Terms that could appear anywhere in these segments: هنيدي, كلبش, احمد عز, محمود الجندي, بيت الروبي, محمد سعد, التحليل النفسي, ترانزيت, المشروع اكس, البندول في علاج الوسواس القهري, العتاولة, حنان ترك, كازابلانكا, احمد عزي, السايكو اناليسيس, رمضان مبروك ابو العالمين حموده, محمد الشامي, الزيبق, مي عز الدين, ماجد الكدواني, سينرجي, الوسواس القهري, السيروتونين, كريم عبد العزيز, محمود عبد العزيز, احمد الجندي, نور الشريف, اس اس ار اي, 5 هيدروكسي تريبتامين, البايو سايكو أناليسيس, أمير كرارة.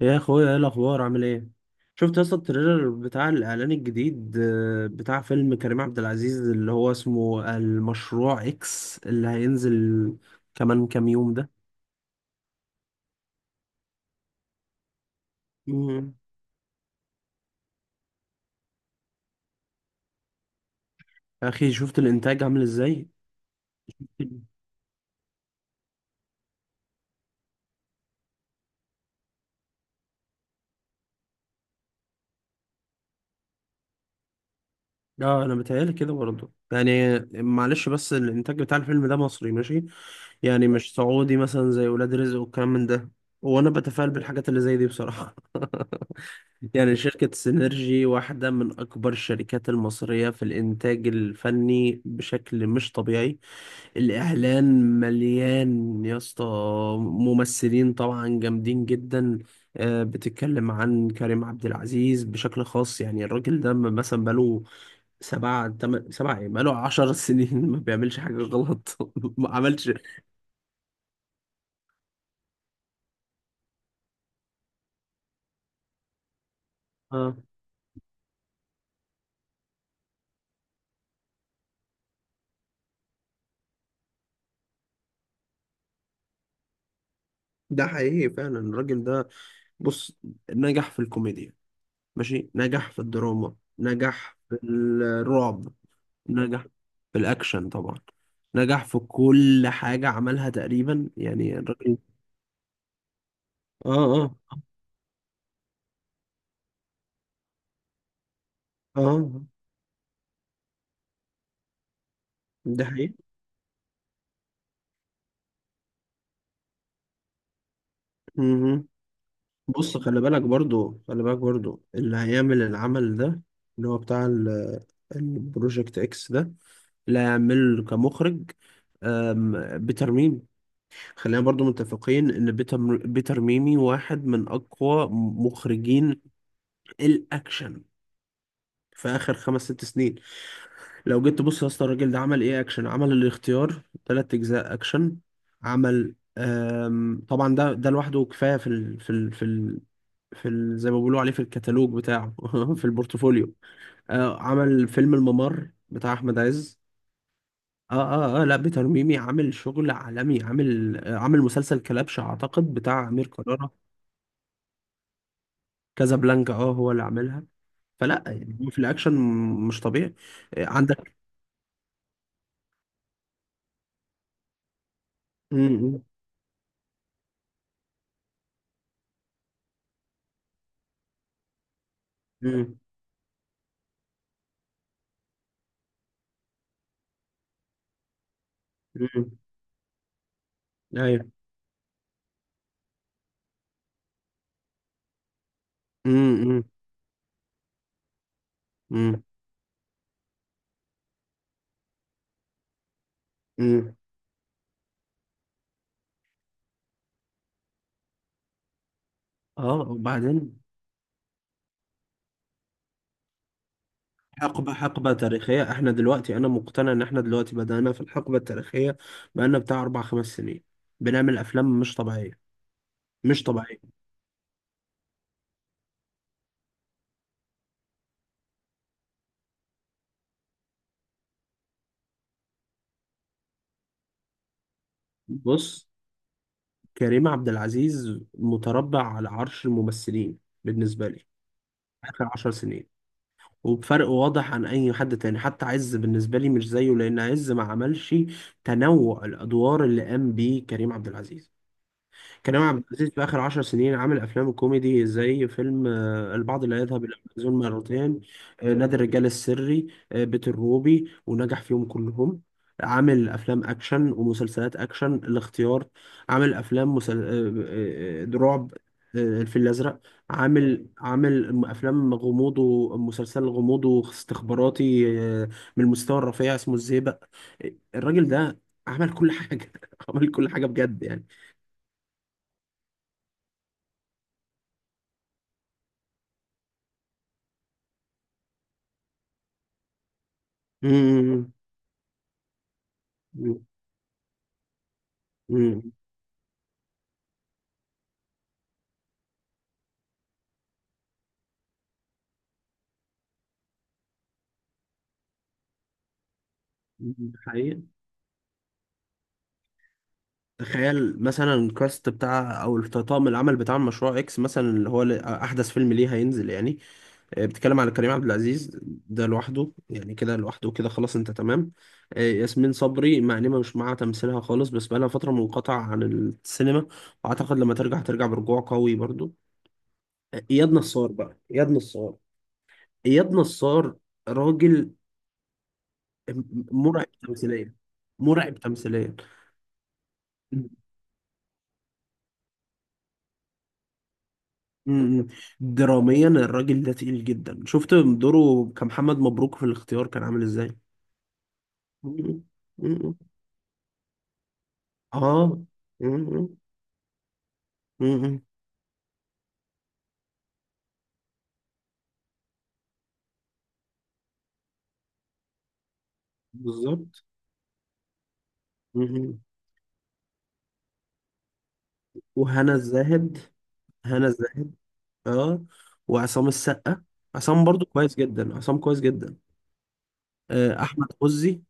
يا اخويا ايه الاخبار؟ عامل ايه؟ شفت اصلا التريلر بتاع الاعلان الجديد، بتاع فيلم كريم عبد العزيز اللي هو اسمه المشروع اكس اللي هينزل كمان كام يوم ده. مم. يا اخي شفت الانتاج عامل ازاي! اه انا بتهيالي كده برضه، يعني معلش، بس الانتاج بتاع الفيلم ده مصري ماشي، يعني مش سعودي مثلا زي ولاد رزق والكلام من ده. وانا بتفائل بالحاجات اللي زي دي بصراحة. يعني شركة سينرجي واحدة من أكبر الشركات المصرية في الإنتاج الفني بشكل مش طبيعي. الإعلان مليان يا اسطى، ممثلين طبعا جامدين جدا. بتتكلم عن كريم عبد العزيز بشكل خاص، يعني الراجل ده مثلا بقاله سبعة إيه، بقاله عشر سنين ما بيعملش حاجة غلط. ما عملش آه. ده حقيقي فعلا الراجل ده. بص، نجح في الكوميديا، ماشي، نجح في الدراما، نجح في الرعب، نجح في الأكشن طبعا، نجح في كل حاجة عملها تقريبا، يعني الراجل. اه اه اه آه، ده حقيقي. مهم. بص، خلي بالك برضو اللي هيعمل العمل ده، اللي هو بتاع ال- البروجكت اكس ده اللي هيعمله كمخرج، بيتر ميمي. خلينا برضو متفقين ان بيتر ميمي واحد من اقوى مخرجين الاكشن في اخر خمس ست سنين. لو جيت تبص يا اسطى، الراجل ده عمل ايه؟ اكشن، عمل الاختيار ثلاث اجزاء اكشن، عمل طبعا ده لوحده كفايه في ال زي ما بيقولوا عليه في الكتالوج بتاعه، في البورتفوليو. عمل فيلم الممر بتاع احمد عز. اه اه لا، بيتر ميمي عامل شغل عالمي، عامل عامل مسلسل كلبش اعتقد بتاع امير كرارة. كازابلانكا، اه هو اللي عاملها. فلا يعني، هو في الاكشن مش طبيعي. عندك. امم امم امم ايوه. امم امم امم اه. وبعدين حقبة، حقبة تاريخية احنا دلوقتي، انا مقتنع ان احنا دلوقتي بدأنا في الحقبة التاريخية. بقالنا بتاع اربع خمس سنين بنعمل افلام مش طبيعية، مش طبيعية. بص، كريم عبد العزيز متربع على عرش الممثلين بالنسبة لي اخر عشر سنين، وبفرق واضح عن اي حد تاني. حتى عز بالنسبة لي مش زيه، لان عز ما عملش تنوع الادوار اللي قام بيه كريم عبد العزيز. كريم عبد العزيز في آخر عشر سنين عامل أفلام كوميدي زي فيلم، البعض لا يذهب إلى المأذون مرتين، نادي الرجال السري، بيت الروبي، ونجح فيهم كلهم. عامل أفلام أكشن ومسلسلات أكشن، الاختيار. عامل أفلام مسل... آه، آه، آه، رعب، الفيل الأزرق. عامل، عامل أفلام غموض ومسلسل غموض واستخباراتي، من المستوى الرفيع اسمه الزيبق. الراجل ده عمل كل حاجة. عمل كل حاجة بجد يعني. مم. مم. مم. حقيقة. تخيل مثلا الكاست بتاع او طاقم العمل بتاع مشروع اكس مثلا، احدث فيلم ليه هينزل يعني. بتتكلم على كريم عبد العزيز، ده لوحده، يعني كده لوحده كده خلاص، انت تمام. ياسمين صبري، مع اني مش مع تمثيلها خالص، بس بقالها فترة منقطعة عن السينما، واعتقد لما ترجع ترجع برجوع قوي برضو. آه، اياد نصار بقى اياد نصار اياد نصار راجل مرعب تمثيليا. مرعب تمثيليا. امم. دراميا الراجل ده تقيل جدا. شفت دوره كمحمد مبروك في الاختيار كان عامل ازاي! امم. امم. اه. امم. امم. بالظبط. امم. وهنا الزاهد، هنا الزاهد. اه. وعصام السقا، عصام برضو كويس جدا، عصام كويس جدا. احمد عزي.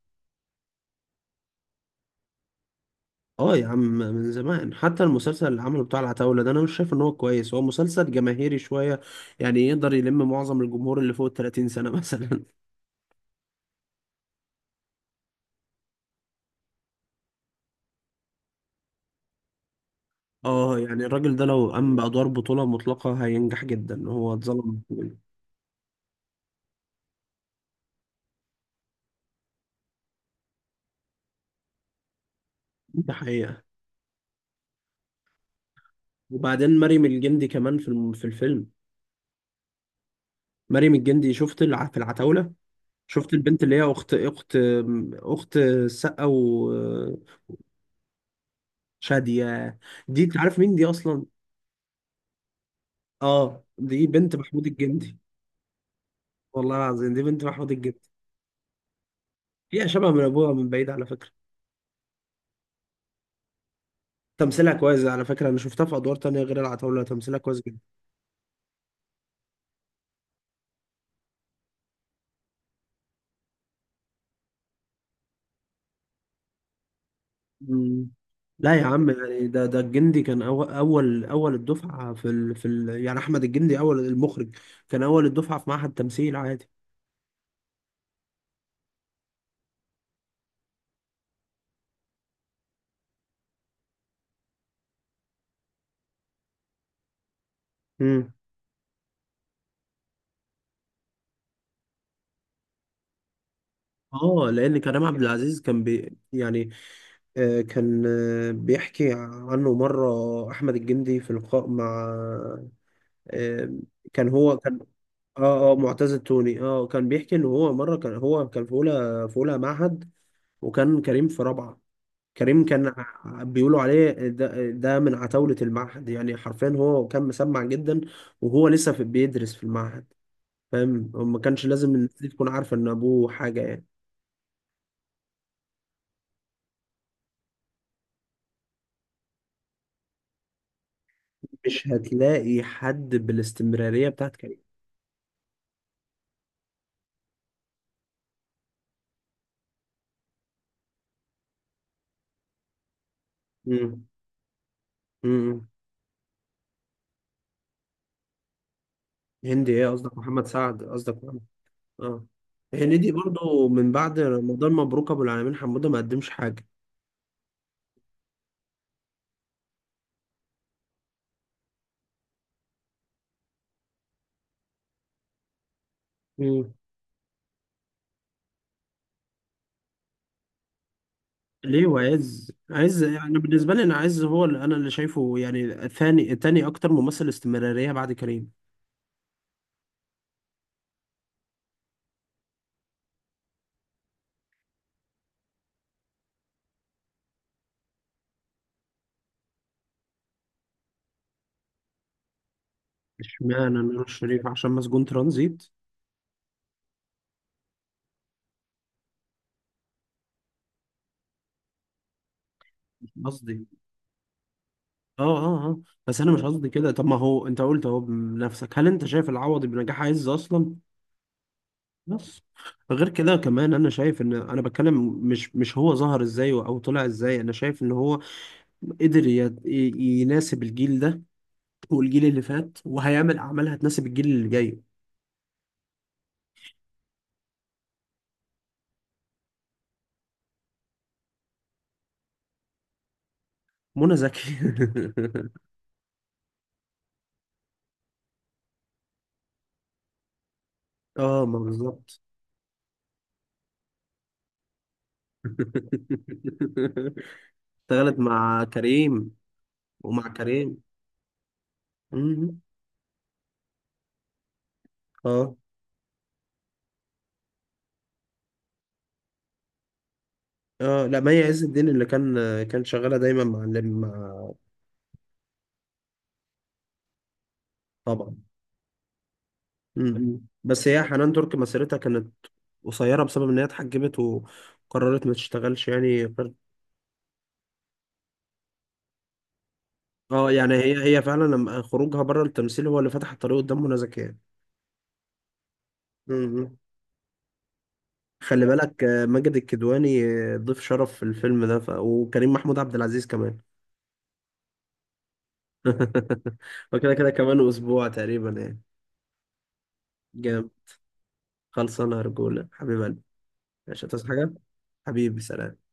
اه يا عم من زمان. حتى المسلسل اللي عمله بتاع العتاولة ده انا مش شايف ان هو كويس، هو مسلسل جماهيري شوية، يعني يقدر يلم معظم الجمهور اللي فوق ال 30 سنة مثلا. اه يعني الراجل ده لو قام بأدوار بطولة مطلقة هينجح جدا، هو اتظلم كتير. ده حقيقة. وبعدين مريم الجندي كمان في الفيلم. مريم الجندي. في العتاولة، شفت البنت اللي هي أخت أخت السقا وشادية. دي أنت عارف مين دي أصلا؟ اه دي بنت محمود الجندي. والله العظيم دي بنت محمود الجندي. هي شبه من أبوها من بعيد على فكرة. تمثيلها كويس، على فكرة أنا شفتها في أدوار تانية غير العتاولة، تمثيلها كويس. مم. لا يا عم، يعني ده الجندي كان أول الدفعة يعني أحمد الجندي، أول المخرج. كان أول الدفعة في معهد تمثيل عادي. امم اه لان كريم عبد العزيز كان بي، يعني. آه كان آه بيحكي عنه مره احمد الجندي في لقاء مع، آه كان هو كان اه معتز التوني. اه كان بيحكي ان هو مره كان، هو كان في اولى، في اولى معهد، وكان كريم في رابعه. كريم كان بيقولوا عليه، ده من عتاولة المعهد، يعني حرفيا هو كان مسمع جدا وهو لسه في، بيدرس في المعهد. فاهم؟ ما كانش لازم الناس دي تكون عارفة ان ابوه حاجة يعني. مش هتلاقي حد بالاستمرارية بتاعت كريم. امم امم هندي ايه؟ قصدك محمد سعد، قصدك محمد، اه، هنيدي برضو من بعد رمضان مبروك ابو العالمين حموده ما قدمش حاجة. مم. ليه؟ وعز، عز يعني بالنسبة لي، أنا عز هو اللي أنا اللي شايفه، يعني ثاني، تاني أكتر ممثل استمرارية بعد كريم. اشمعنى نور الشريف؟ عشان مسجون ترانزيت. مش قصدي. اه اه اه بس أنا مش قصدي كده. طب ما هو أنت قلت أهو بنفسك، هل أنت شايف العوضي بنجاح عز أصلا؟ بس غير كده كمان أنا شايف إن، أنا بتكلم مش، مش هو ظهر إزاي أو طلع إزاي. أنا شايف إن هو قدر يناسب الجيل ده والجيل اللي فات، وهيعمل أعمال هتناسب الجيل اللي جاي. منى زكي. اه ما بالظبط. اشتغلت مع كريم. ومع كريم. مم. اه اه لا، مي عز الدين اللي كان، كان شغاله دايما مع اللي مع. طبعا. بس هي حنان ترك مسيرتها كانت قصيره بسبب ان هي اتحجبت وقررت ما تشتغلش، يعني اه. يعني هي، هي فعلا لما خروجها بره التمثيل هو اللي فتح الطريق قدام منى زكي يعني. مم. خلي بالك، ماجد الكدواني، ضيف شرف في الفيلم ده، وكريم محمود عبد العزيز كمان. وكده كده كمان اسبوع تقريبا يعني. جامد. خلصانه يا رجوله، حبيب قلبي. مش هتصحى حاجه. حبيبي سلام.